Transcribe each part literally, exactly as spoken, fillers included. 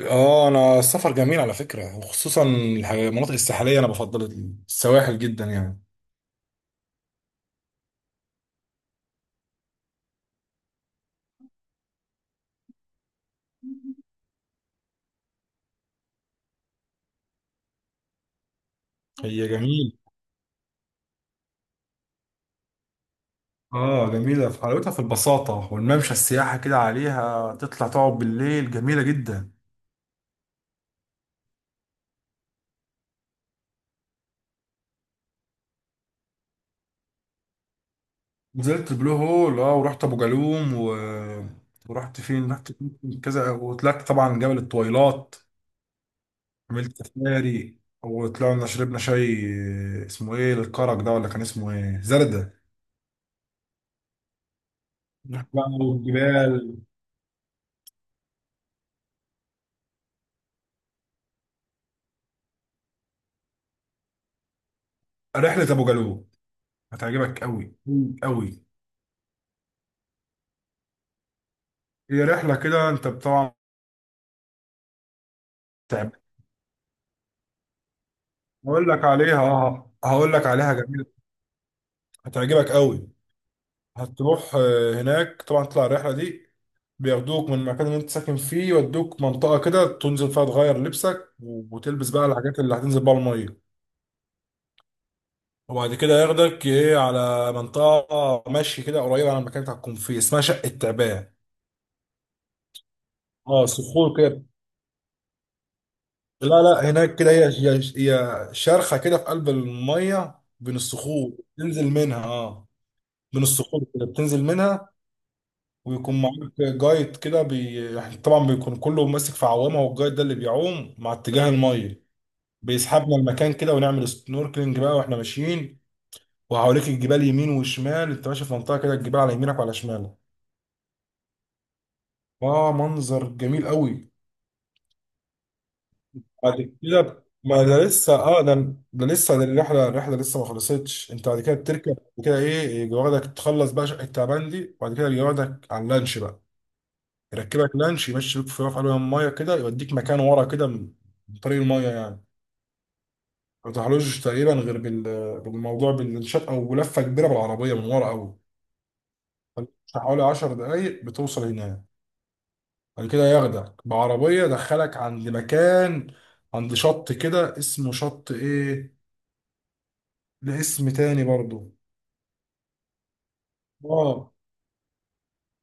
اه، انا السفر جميل على فكره، وخصوصا الح- المناطق الساحليه، انا بفضل السواحل جدا يعني. هي جميل، اه جميله في حلاوتها، في البساطه، والممشى السياحه كده عليها تطلع تقعد بالليل جميله جدا. نزلت البلو هول، اه، ورحت ابو جالوم و... ورحت فين رحت فين؟ كذا، وطلعت طبعا جبل الطويلات. عملت سفاري، وطلعنا شربنا شاي، اسمه ايه الكرك ده، ولا كان اسمه ايه، زردة؟ رحت بقى والجبال. رحلة أبو جالوم هتعجبك قوي. قوي. هي رحله كده انت طبعا. تعب. هقول لك عليها اه هقول لك عليها، جميل. هتعجبك قوي. هتروح آه، هناك طبعا تطلع الرحله دي. بياخدوك من المكان اللي انت ساكن فيه، يودوك منطقه كده تنزل فيها تغير لبسك، و- وتلبس بقى الحاجات اللي هتنزل بقى الميه. وبعد كده ياخدك ايه على منطقه مشي كده قريبه على المكان اللي هتكون فيه، اسمها شقه تعبان. اه، صخور كده. لا لا، هناك كده هي هي هي شرخة كده في قلب المية بين الصخور. تنزل منها، اه. بين الصخور كده بتنزل منها. ويكون معاك جايد كده بي... يعني طبعا بيكون كله ماسك في عوامة، والجايد ده اللي بيعوم مع اتجاه المية. بيسحبنا المكان كده، ونعمل سنوركلينج بقى واحنا ماشيين. وحواليك الجبال يمين وشمال، انت ماشي في منطقة كده الجبال على يمينك وعلى شمالك. اه، منظر جميل قوي. بعد كده، ما ده لسه، اه ده ده لسه ده الرحله الرحله لسه ما خلصتش، انت بعد كده بتركب وكده ايه، يجي واخدك تخلص بقى شقه تعبان دي، وبعد كده يجي واخدك على اللانش بقى. يركبك لانش يمشي بيك في رفع علوها الميه كده، يوديك مكان ورا كده، من من طريق الميه يعني. ما تروحلوش تقريبا غير بال- بالموضوع، بالشقه، او لفه كبيره بالعربيه من ورا قوي. حوالي 10 دقايق بتوصل هناك. بعد كده ياخدك بعربيه دخلك عند مكان، عند شط كده اسمه شط ايه، لاسم تاني برضه. اه،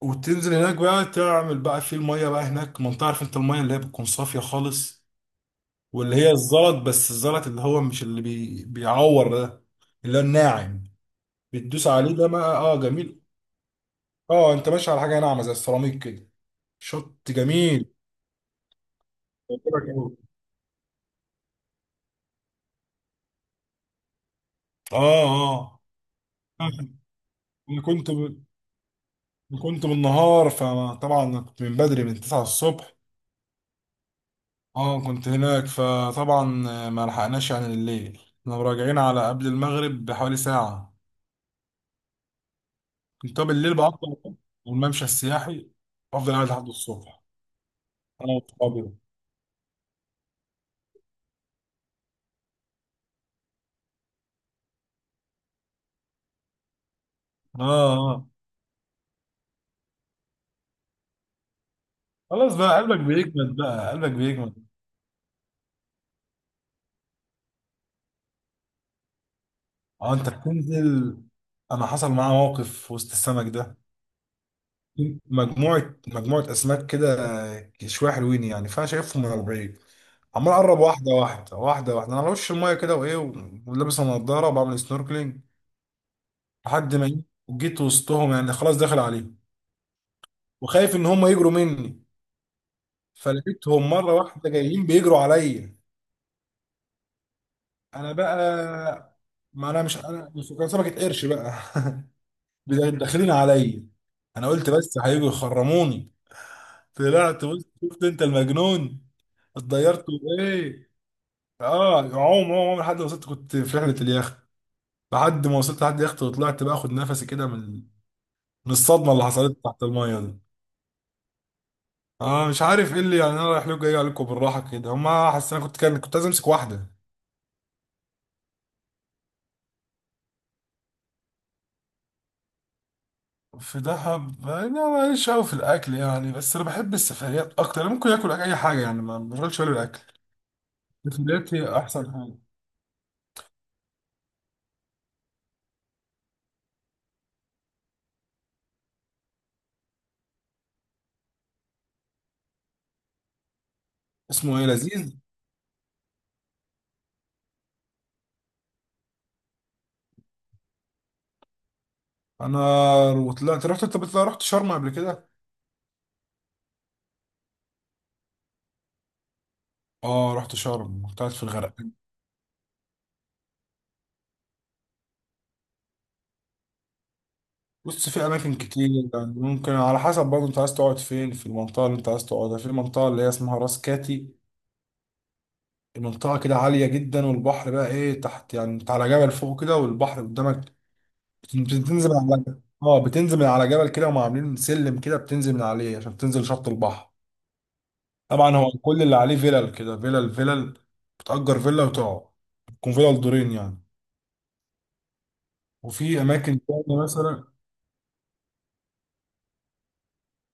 وتنزل هناك بقى تعمل بقى في الميه بقى هناك، ما انت عارف انت الميه اللي هي بتكون صافيه خالص. واللي هي الزلط، بس الزلط اللي هو مش اللي بي... بيعور ده، اللي هو الناعم. بتدوس عليه ده بقى، اه، جميل. اه، انت ماشي على حاجه ناعمه زي السيراميك كده. شط جميل. يعجبك أوي. اه، اه. انا كنت ب... كنت بالنهار، فطبعا كنت من بدري من 9 الصبح. اه، كنت هناك، فطبعا آه، ما لحقناش يعني الليل، احنا راجعين على قبل المغرب بحوالي ساعة. كنت، طب الليل بقى افضل. والممشى السياحي. افضل قاعد لحد الصبح. انا واصحابي. اه، اه. خلاص بقى، قلبك بيجمد بقى، قلبك بيجمد. اه، انت بتنزل. انا حصل معايا موقف في وسط السمك ده. مجموعة مجموعة اسماك كده، شوية حلوين يعني، فانا شايفهم من البعيد. عمال اقرب، واحدة واحدة واحدة واحدة، انا على وش المية كده وايه، ولابس النضارة وبعمل سنوركلينج. لحد ما إيه، جيت وسطهم يعني خلاص داخل عليهم، وخايف ان هم يجروا مني. فلقيتهم مره واحده جايين بيجروا عليا. انا بقى، ما انا مش، انا مش كان سمكه قرش بقى بدا- داخلين عليا. انا قلت بس هيجوا يخرموني. طلعت بص، شفت انت المجنون. اتضيرت. ايه. اه، عوم عوم عوم لحد ما وصلت، كنت في رحله اليخت. لحد ما وصلت لحد اليخت، وطلعت بقى اخد نفسي كده، من من الصدمه اللي حصلت تحت الميه دي. اه، مش عارف ايه اللي يعني انا رايح له، جاي عليكم بالراحه كده، هما حاسس انا كنت كان كنت عايز امسك واحده. في دهب يعني انا ماليش قوي في الاكل يعني، بس انا بحب السفريات اكتر، انا ممكن اكل اي حاجه يعني، ما بشغلش بالي بالاكل. السفريات هي احسن حاجه. اسمه ايه، لذيذ؟ انا طلعت رحت، انت بتطلع- رحت شرم قبل كده؟ اه، رحت شرم، كنت قاعد في الغرقان. بص، في اماكن كتير. يعني ممكن على حسب برضه، انت عايز تقعد فين، في المنطقه اللي انت عايز تقعدها، في المنطقه اللي هي اسمها راس كاتي. المنطقة كده عالية جدا، والبحر بقى ايه تحت يعني، انت على جبل فوق كده والبحر قدامك. بت- بتنزل من على جبل، اه بتنزل من على جبل كده، وهم عاملين سلم كده بتنزل من عليه عشان تنزل شط البحر. طبعا هو كل اللي عليه فيلل كده، فيلل فيلل. بتأجر فيلا وتقعد. تكون فيلل دورين يعني. وفي أماكن تانية مثلا.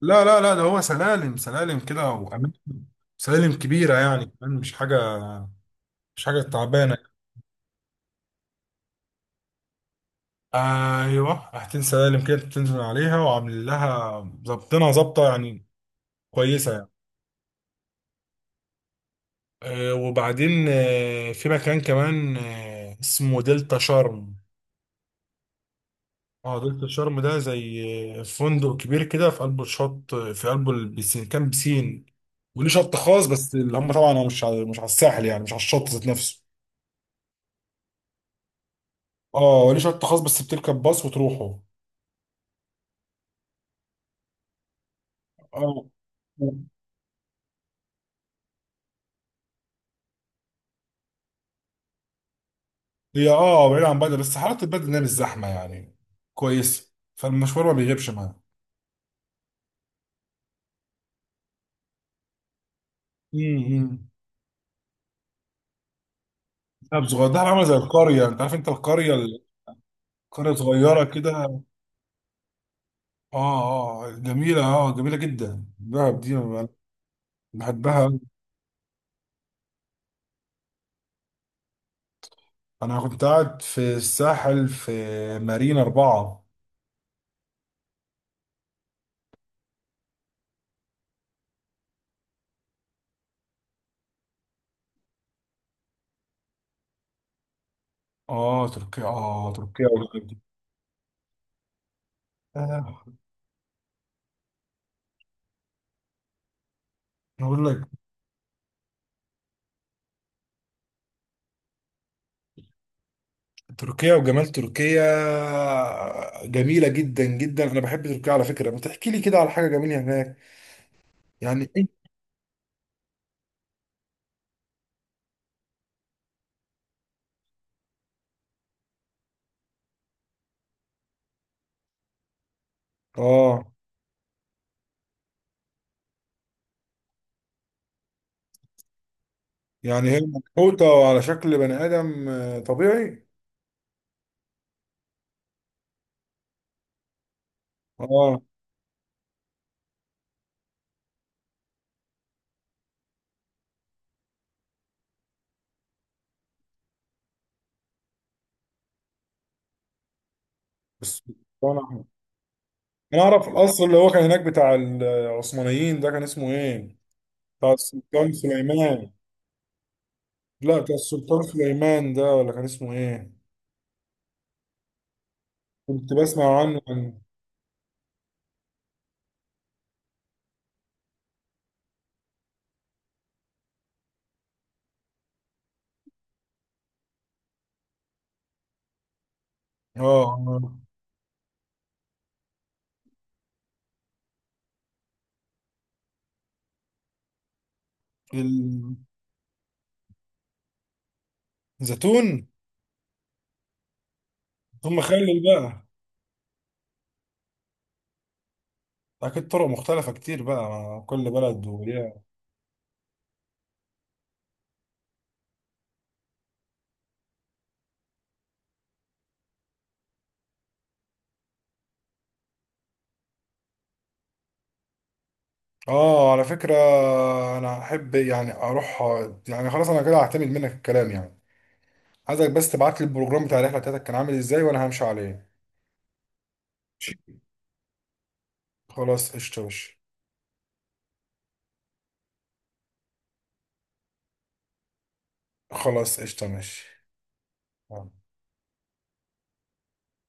لا لا لا، ده هو سلالم سلالم كده وأماكن. سلالم كبيرة يعني كمان، مش حاجة. مش حاجة تعبانة. ايوه، حاجتين سلالم كده بتنزل عليها وعاملين لها. ظابطينها ظابطه يعني. كويسة يعني. آه، وبعدين آه، في مكان كمان، آه، اسمه دلتا شرم. اه، دلتا شرم ده زي، آه، فندق كبير كده في قلب الشط، آه، في قلب البسين كان بسين. وليه شط خاص، بس اللي هم طبعا هو مش على- مش على الساحل يعني، مش على الشط ذات نفسه. اه، وليه شط خاص بس بتركب باص وتروحه. اه، هي اه بعيد عن بدر، بس حالات البدر إنها مش زحمة يعني. كويسة، فالمشوار ما بيغيبش معاها. امم. دهب صغير، دهب عامله زي القريه، انت عارف انت القريه. قرية صغيرة كده. اه، اه، جميلة، اه جميلة جدا دهب دي أنا. بحبها أوي. انا كنت قاعد في الساحل، في مارينا أربعة. اه، تركيا اه تركيا والجمال دي. آه. أنا بقول لك، تركيا وجمال تركيا، جميلة جدا جدا. انا بحب تركيا على فكرة، ما تحكي لي كده على حاجة جميلة هناك. يعني إيه؟ اه، يعني هي منحوتة على شكل بني آدم آه، طبيعي. اه، بس انا اعرف القصر اللي هو كان هناك بتاع العثمانيين ده، كان اسمه ايه؟ بتاع السلطان سليمان. لا، بتاع السلطان سليمان ده ولا كان اسمه ايه؟ كنت بسمع عنه، عن. اه، ال- الزيتون. ثم مخلل بقى. اكيد طرق مختلفة كتير، بقى مع كل بلد وليها. اه، على فكرة انا احب يعني اروح، يعني خلاص انا كده هعتمد منك الكلام يعني. عايزك بس تبعت لي البروجرام بتاع الرحلة بتاعتك كان عامل ازاي، وانا همشي عليه. ماشي. خلاص قشطة ماشي. خلاص قشطة ماشي. آه.